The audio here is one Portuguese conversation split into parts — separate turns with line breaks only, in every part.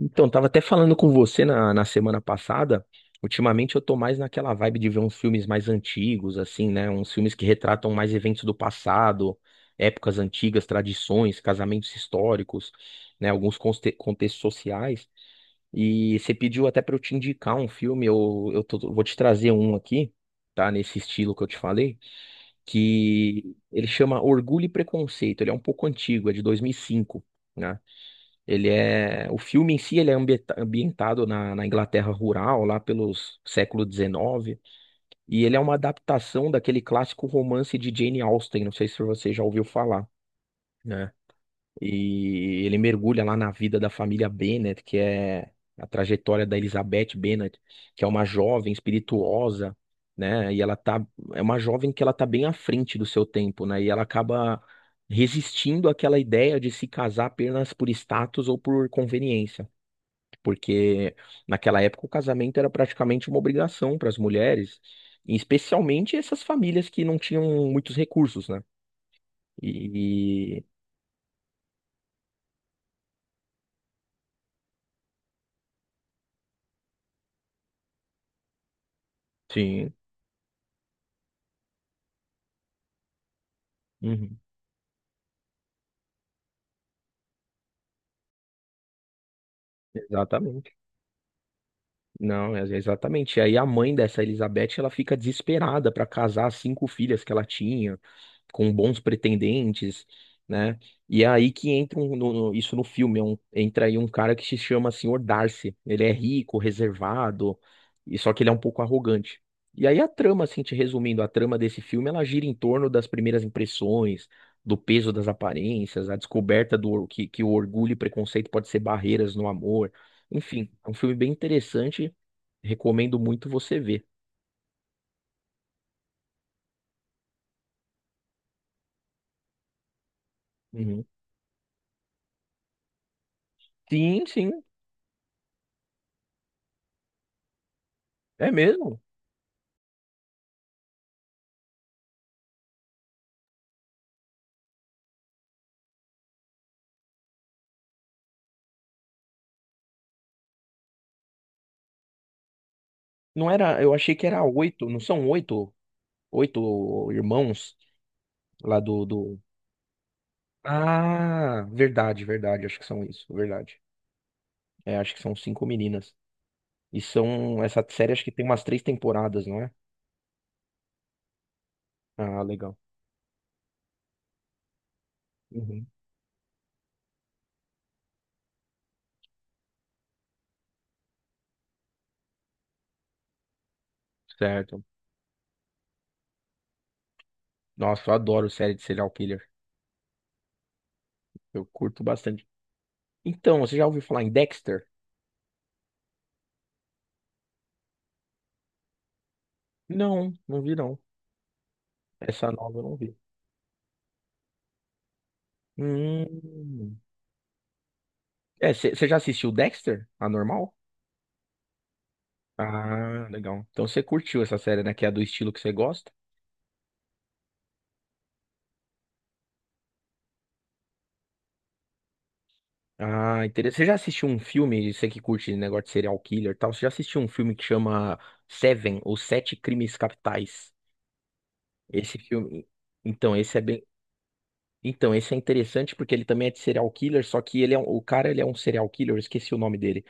Então, tava até falando com você na semana passada. Ultimamente eu tô mais naquela vibe de ver uns filmes mais antigos, assim, né? Uns filmes que retratam mais eventos do passado, épocas antigas, tradições, casamentos históricos, né? Alguns contextos sociais. E você pediu até pra eu te indicar um filme, vou te trazer um aqui, tá? Nesse estilo que eu te falei, que ele chama Orgulho e Preconceito. Ele é um pouco antigo, é de 2005. O filme em si ele é ambientado na Inglaterra rural, lá pelos século XIX, e ele é uma adaptação daquele clássico romance de Jane Austen, não sei se você já ouviu falar, né? E ele mergulha lá na vida da família Bennet, que é a trajetória da Elizabeth Bennet, que é uma jovem espirituosa, né? É uma jovem que ela tá bem à frente do seu tempo, né? E ela acaba resistindo àquela ideia de se casar apenas por status ou por conveniência, porque naquela época o casamento era praticamente uma obrigação para as mulheres, e especialmente essas famílias que não tinham muitos recursos, né? E sim, uhum, exatamente. Não, é- exatamente. E aí a mãe dessa Elizabeth, ela fica desesperada para casar as cinco filhas que ela tinha, com bons pretendentes, né? E é aí que entra no filme, entra aí um cara que se chama Senhor Darcy. Ele é rico, reservado, e só que ele é um pouco arrogante. E aí a trama, assim, te resumindo, a trama desse filme, ela gira em torno das primeiras impressões, do peso das aparências, a descoberta que o orgulho e preconceito pode ser barreiras no amor. Enfim, é um filme bem interessante. Recomendo muito você ver. Uhum. Sim, sim, é mesmo. Não era, eu achei que era oito, não são oito, oito irmãos lá do... Ah, verdade, verdade, acho que são isso, verdade. É, acho que são cinco meninas. E são, essa série acho que tem umas três temporadas, não é? Ah, legal. Uhum. Certo. Nossa, eu adoro série de serial killer. Eu curto bastante. Então, você já ouviu falar em Dexter? Não, não vi não. Essa nova eu não vi. Hum. É, você já assistiu Dexter? A normal? Ah, legal. Então você curtiu essa série, né? Que é do estilo que você gosta. Ah, interessante. Você já assistiu um filme, você que curte negócio de serial killer e tal, você já assistiu um filme que chama Seven, ou Sete Crimes Capitais? Esse filme. Então, esse é bem. Então, esse é interessante porque ele também é de serial killer, só que o cara, ele é um serial killer, eu esqueci o nome dele.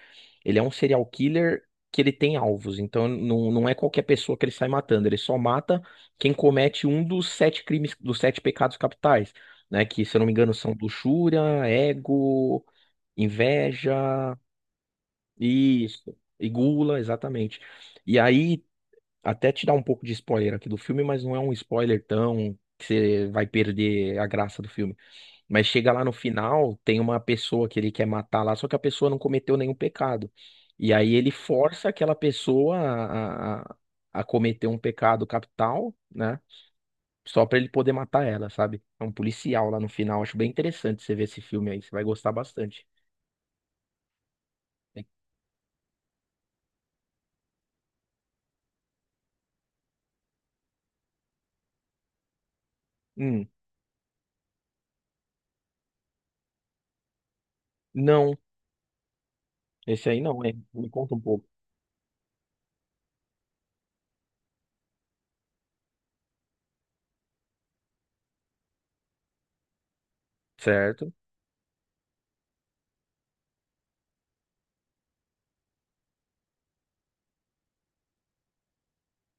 Ele é um serial killer que ele tem alvos, então não, não é qualquer pessoa que ele sai matando, ele só mata quem comete um dos sete crimes, dos sete pecados capitais, né? Que, se eu não me engano, são luxúria, ego, inveja, isso, e gula, exatamente. E aí, até te dar um pouco de spoiler aqui do filme, mas não é um spoiler tão que você vai perder a graça do filme. Mas chega lá no final, tem uma pessoa que ele quer matar lá, só que a pessoa não cometeu nenhum pecado. E aí ele força aquela pessoa a cometer um pecado capital, né? Só pra ele poder matar ela, sabe? É um policial lá no final. Acho bem interessante você ver esse filme aí, você vai gostar bastante. Hum, não, esse aí não, é. Me conta um pouco. Certo?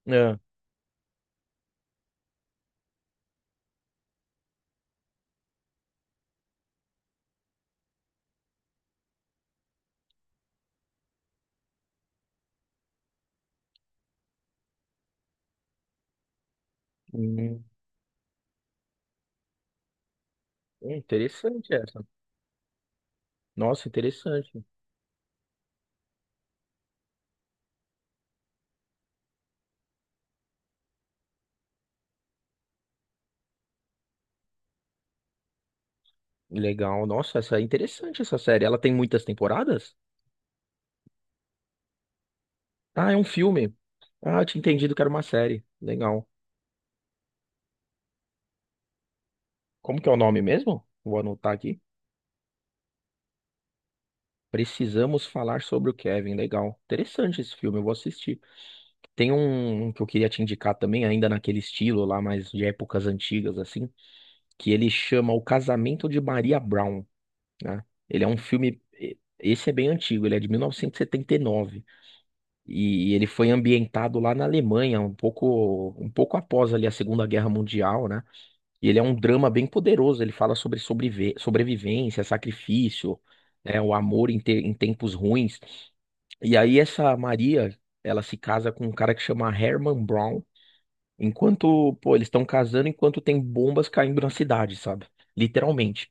É. Hum, interessante essa. Nossa, interessante. Legal. Nossa, essa é interessante essa série. Ela tem muitas temporadas? Ah, é um filme. Ah, eu tinha entendido que era uma série. Legal. Como que é o nome mesmo? Vou anotar aqui. Precisamos Falar sobre o Kevin. Legal. Interessante esse filme, eu vou assistir. Tem um que eu queria te indicar também, ainda naquele estilo lá, mas de épocas antigas, assim, que ele chama O Casamento de Maria Brown, né? Ele é um filme. Esse é bem antigo, ele é de mil novecentos e setenta e nove. E ele foi ambientado lá na Alemanha, um pouco após ali a Segunda Guerra Mundial, né? E ele é um drama bem poderoso. Ele fala sobre sobrevivência, sacrifício, né, o amor em tempos ruins. E aí essa Maria, ela se casa com um cara que chama Herman Brown. Enquanto, pô, eles estão casando enquanto tem bombas caindo na cidade, sabe? Literalmente.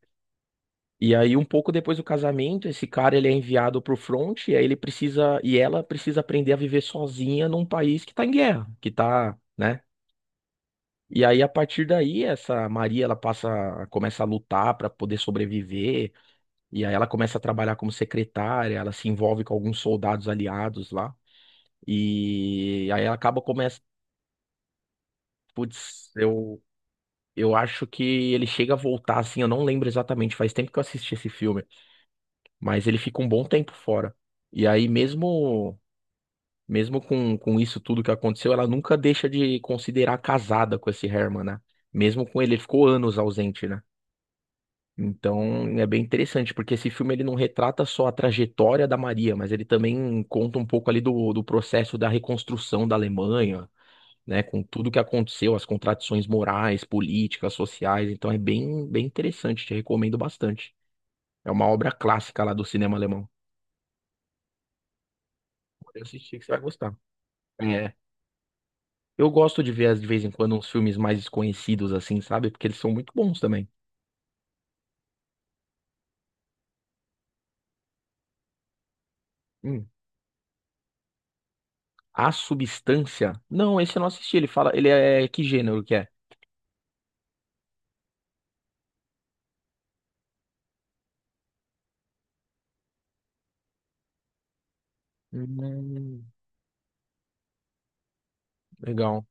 E aí um pouco depois do casamento, esse cara ele é enviado pro front e aí ele precisa e ela precisa aprender a viver sozinha num país que tá em guerra, que tá, né? E aí, a partir daí, essa Maria, ela passa, começa a lutar para poder sobreviver, e aí ela começa a trabalhar como secretária, ela se envolve com alguns soldados aliados lá, e aí ela acaba, começa, putz, eu, eu acho que ele chega a voltar, assim, eu não lembro exatamente, faz tempo que eu assisti esse filme, mas ele fica um bom tempo fora. E aí, mesmo com isso tudo que aconteceu, ela nunca deixa de considerar casada com esse Herman, né? Mesmo com ele, ele ficou anos ausente, né? Então, é bem interessante, porque esse filme ele não retrata só a trajetória da Maria, mas ele também conta um pouco ali do processo da reconstrução da Alemanha, né, com tudo que aconteceu, as contradições morais, políticas, sociais. Então, é bem, bem interessante, te recomendo bastante. É uma obra clássica lá do cinema alemão. Pode assistir que você vai gostar. É. Eu gosto de ver, de vez em quando, uns filmes mais desconhecidos, assim, sabe? Porque eles são muito bons também. Hum. A Substância? Não, esse eu não assisti. Ele fala, ele é que gênero que é? Hum, legal.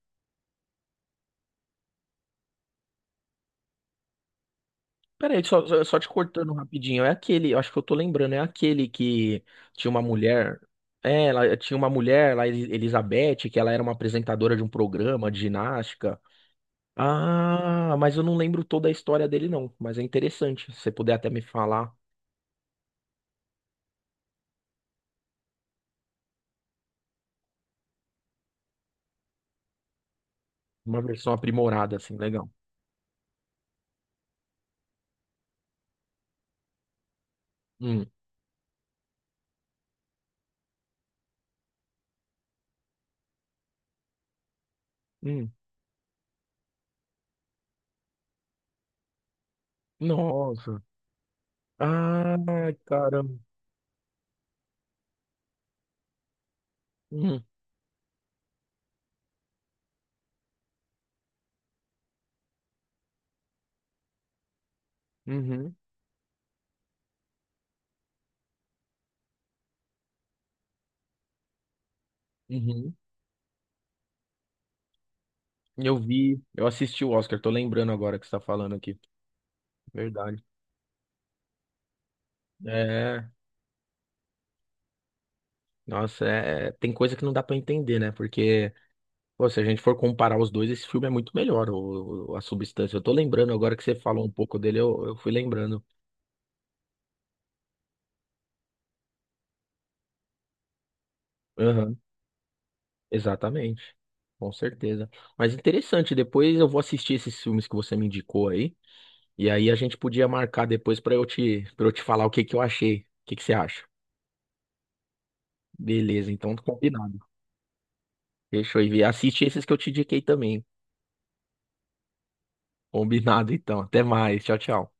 Peraí, só te cortando rapidinho. É aquele, eu acho que eu tô lembrando, é aquele que tinha uma mulher. É, ela tinha uma mulher lá, Elizabeth, que ela era uma apresentadora de um programa de ginástica. Ah, mas eu não lembro toda a história dele, não. Mas é interessante. Se você puder até me falar uma versão aprimorada, assim, legal. Hum, hum. Nossa. Ah, caramba. Hum, uhum, uhum. Eu vi, eu assisti o Oscar, tô lembrando agora que você tá falando aqui. Verdade. É, nossa, é, é, tem coisa que não dá pra entender, né? Porque, pô, se a gente for comparar os dois, esse filme é muito melhor, a substância. Eu tô lembrando agora que você falou um pouco dele, eu fui lembrando. Aham. Exatamente, com certeza. Mas interessante, depois eu vou assistir esses filmes que você me indicou aí, e aí a gente podia marcar depois pra para eu te falar o que que eu achei. O que que você acha? Beleza, então combinado. Fechou aí. Assiste esses que eu te indiquei também. Combinado, então. Até mais. Tchau, tchau.